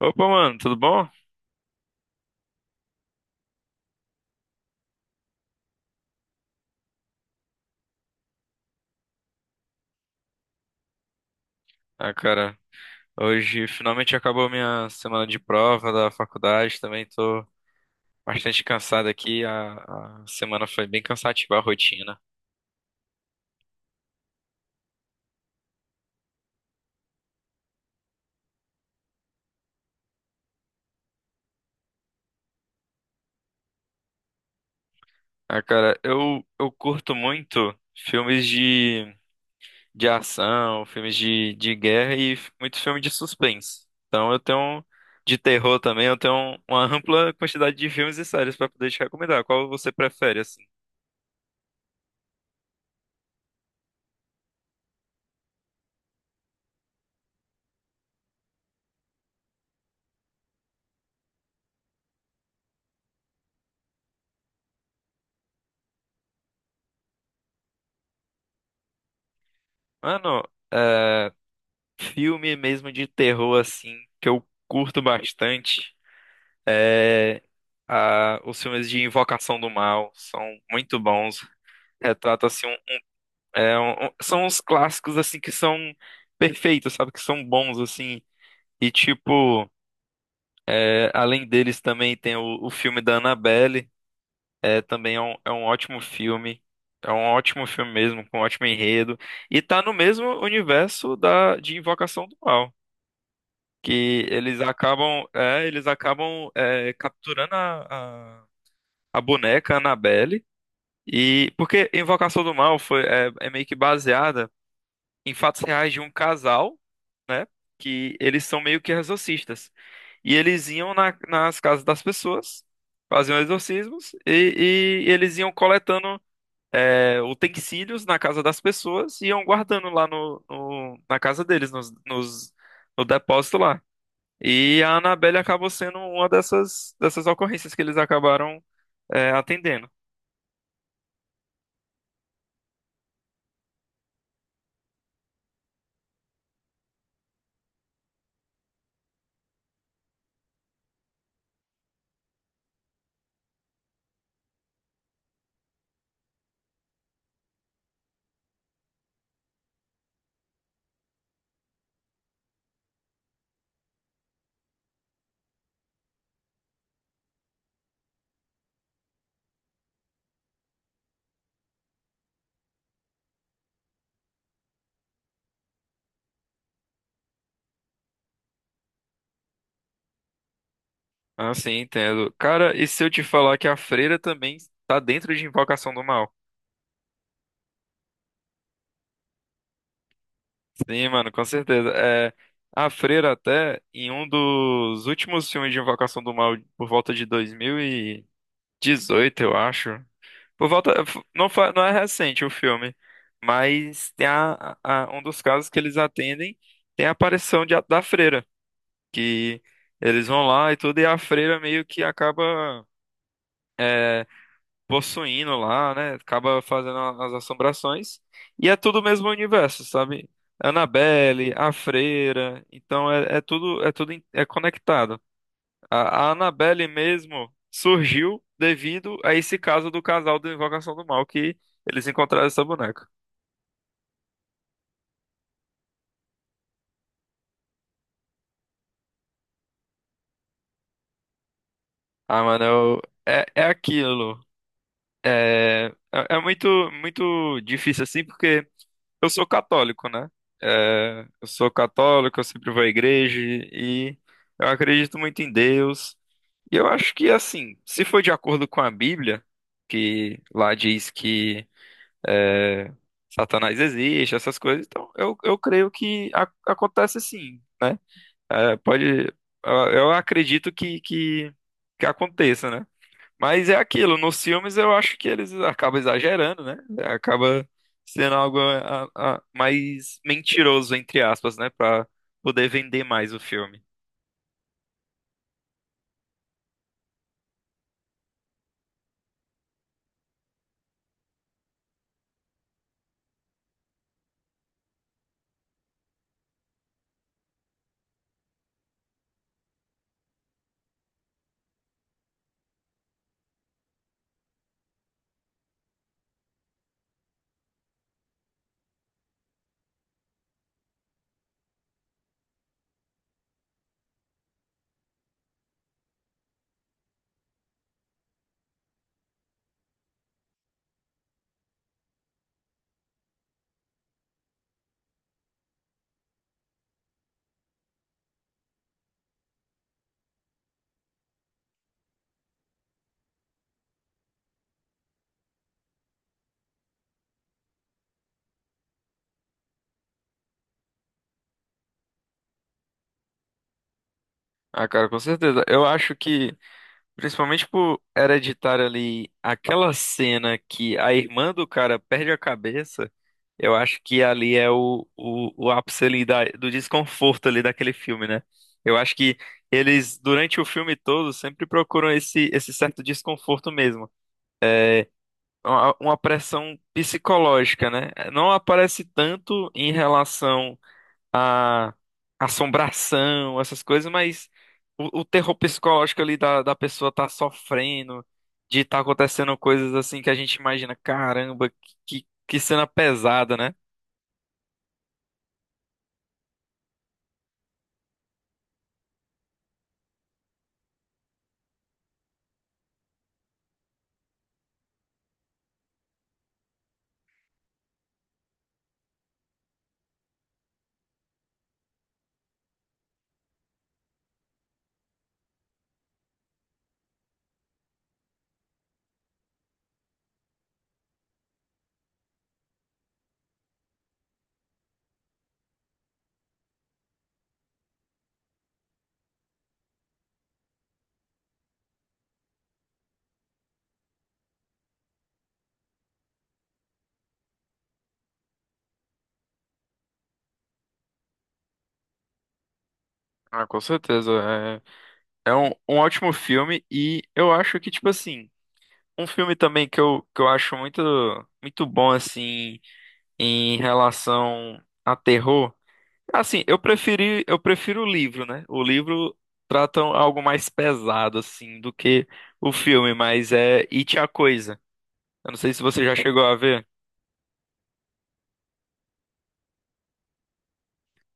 Opa, mano, tudo bom? Ah, cara, hoje finalmente acabou minha semana de prova da faculdade, também tô bastante cansado aqui, a semana foi bem cansativa a rotina. Ah, cara, eu curto muito filmes de ação, filmes de guerra e muito filme de suspense. Então eu tenho, de terror também, eu tenho uma ampla quantidade de filmes e séries pra poder te recomendar. Qual você prefere, assim? Mano, filme mesmo de terror, assim, que eu curto bastante é os filmes de Invocação do Mal. São muito bons. Retrata, assim, é são uns clássicos, assim, que são perfeitos, sabe? Que são bons, assim. E, tipo, é, além deles também tem o filme da Annabelle. É, também é um ótimo filme. É um ótimo filme mesmo, com um ótimo enredo. E tá no mesmo universo de Invocação do Mal, que eles acabam é, capturando a boneca Annabelle. E porque Invocação do Mal foi é, é meio que baseada em fatos reais de um casal, né? Que eles são meio que exorcistas e eles iam nas casas das pessoas, faziam exorcismos e eles iam coletando é, utensílios na casa das pessoas e iam guardando lá na casa deles, no depósito lá. E a Annabelle acabou sendo uma dessas ocorrências que eles acabaram é, atendendo. Ah, sim, entendo. Cara, e se eu te falar que a freira também tá dentro de Invocação do Mal? Sim, mano, com certeza. É, a freira até, em um dos últimos filmes de Invocação do Mal, por volta de 2018, eu acho. Por volta, não, não é recente o filme, mas tem um dos casos que eles atendem tem a aparição da freira, que eles vão lá e tudo, e a freira meio que acaba é, possuindo lá, né? Acaba fazendo as assombrações. E é tudo o mesmo universo, sabe? Annabelle, a freira, então é, é tudo é tudo é conectado. A Annabelle mesmo surgiu devido a esse caso do casal do Invocação do Mal que eles encontraram essa boneca. Ah, mano, é, é aquilo. É, é muito muito difícil assim porque eu sou católico, né? É, eu sou católico, eu sempre vou à igreja e eu acredito muito em Deus. E eu acho que, assim, se for de acordo com a Bíblia, que lá diz que é, Satanás existe, essas coisas, então eu creio que acontece sim, né? É, pode, eu acredito que aconteça, né? Mas é aquilo, nos filmes eu acho que eles acabam exagerando, né? Acaba sendo algo eh, mais mentiroso, entre aspas, né? Pra poder vender mais o filme. Ah, cara, com certeza. Eu acho que, principalmente por Hereditário ali, aquela cena que a irmã do cara perde a cabeça, eu acho que ali é o ápice ali do desconforto ali daquele filme, né? Eu acho que eles, durante o filme todo, sempre procuram esse certo desconforto mesmo, uma pressão psicológica, né? Não aparece tanto em relação à assombração, essas coisas, mas o terror psicológico ali da pessoa tá sofrendo, de tá acontecendo coisas assim que a gente imagina, caramba, que cena pesada, né? Ah, com certeza. É, é um, um ótimo filme e eu acho que, tipo assim, um filme também que eu acho muito, muito bom, assim, em relação a terror. Assim, eu preferi, eu prefiro o livro, né? O livro trata um, algo mais pesado, assim, do que o filme, mas é It a Coisa. Eu não sei se você já chegou a ver.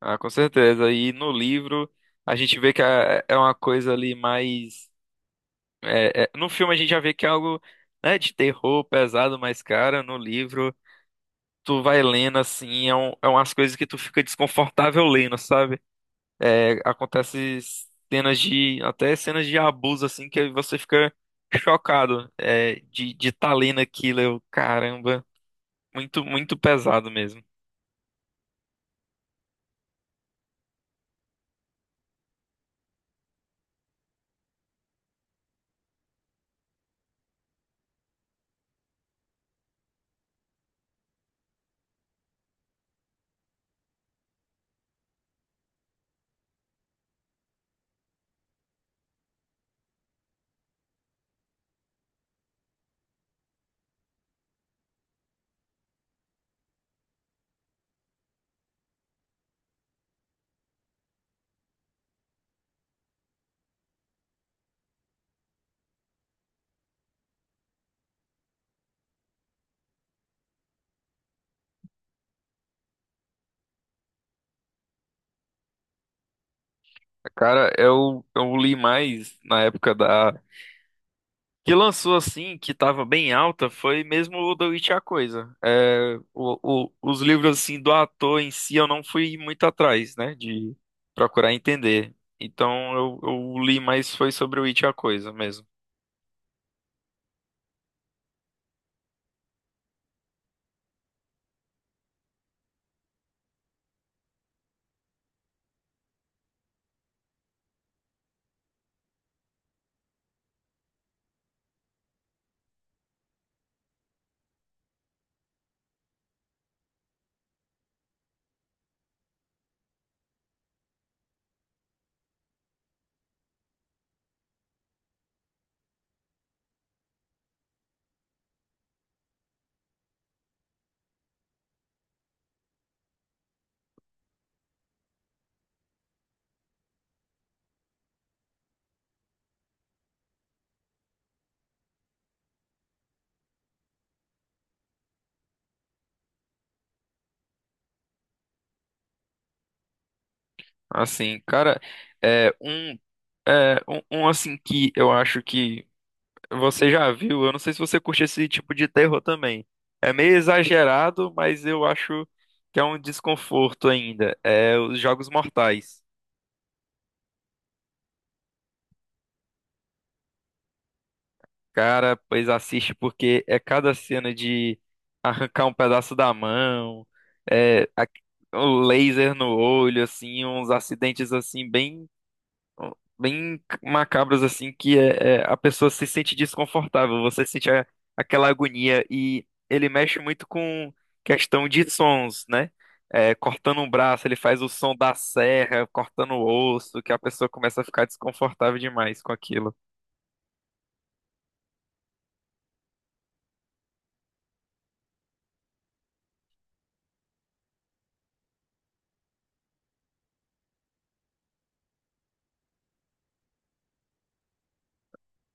Ah, com certeza. E no livro a gente vê que é uma coisa ali mais. No filme a gente já vê que é algo, né, de terror pesado, mas, cara, no livro tu vai lendo assim, é, um, é umas coisas que tu fica desconfortável lendo, sabe? É, acontece cenas de, até cenas de abuso, assim, que você fica chocado, é, de tá lendo aquilo, eu, caramba, muito, muito pesado mesmo. Cara, eu li mais na época da, que lançou assim, que tava bem alta, foi mesmo o The Witch e a Coisa. É, os livros, assim, do ator em si, eu não fui muito atrás, né, de procurar entender. Então, eu li mais foi sobre o It e a Coisa mesmo. Assim, cara, é um, é um, um, assim que eu acho que você já viu. Eu não sei se você curte esse tipo de terror também. É meio exagerado, mas eu acho que é um desconforto ainda. É os Jogos Mortais. Cara, pois assiste porque é cada cena de arrancar um pedaço da mão, é o laser no olho, assim, uns acidentes assim bem bem macabros assim que é, a pessoa se sente desconfortável, você sente aquela agonia e ele mexe muito com questão de sons, né? É, cortando um braço, ele faz o som da serra, cortando o osso, que a pessoa começa a ficar desconfortável demais com aquilo.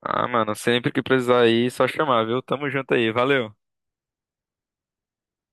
Ah, mano, sempre que precisar aí, só chamar, viu? Tamo junto aí, valeu.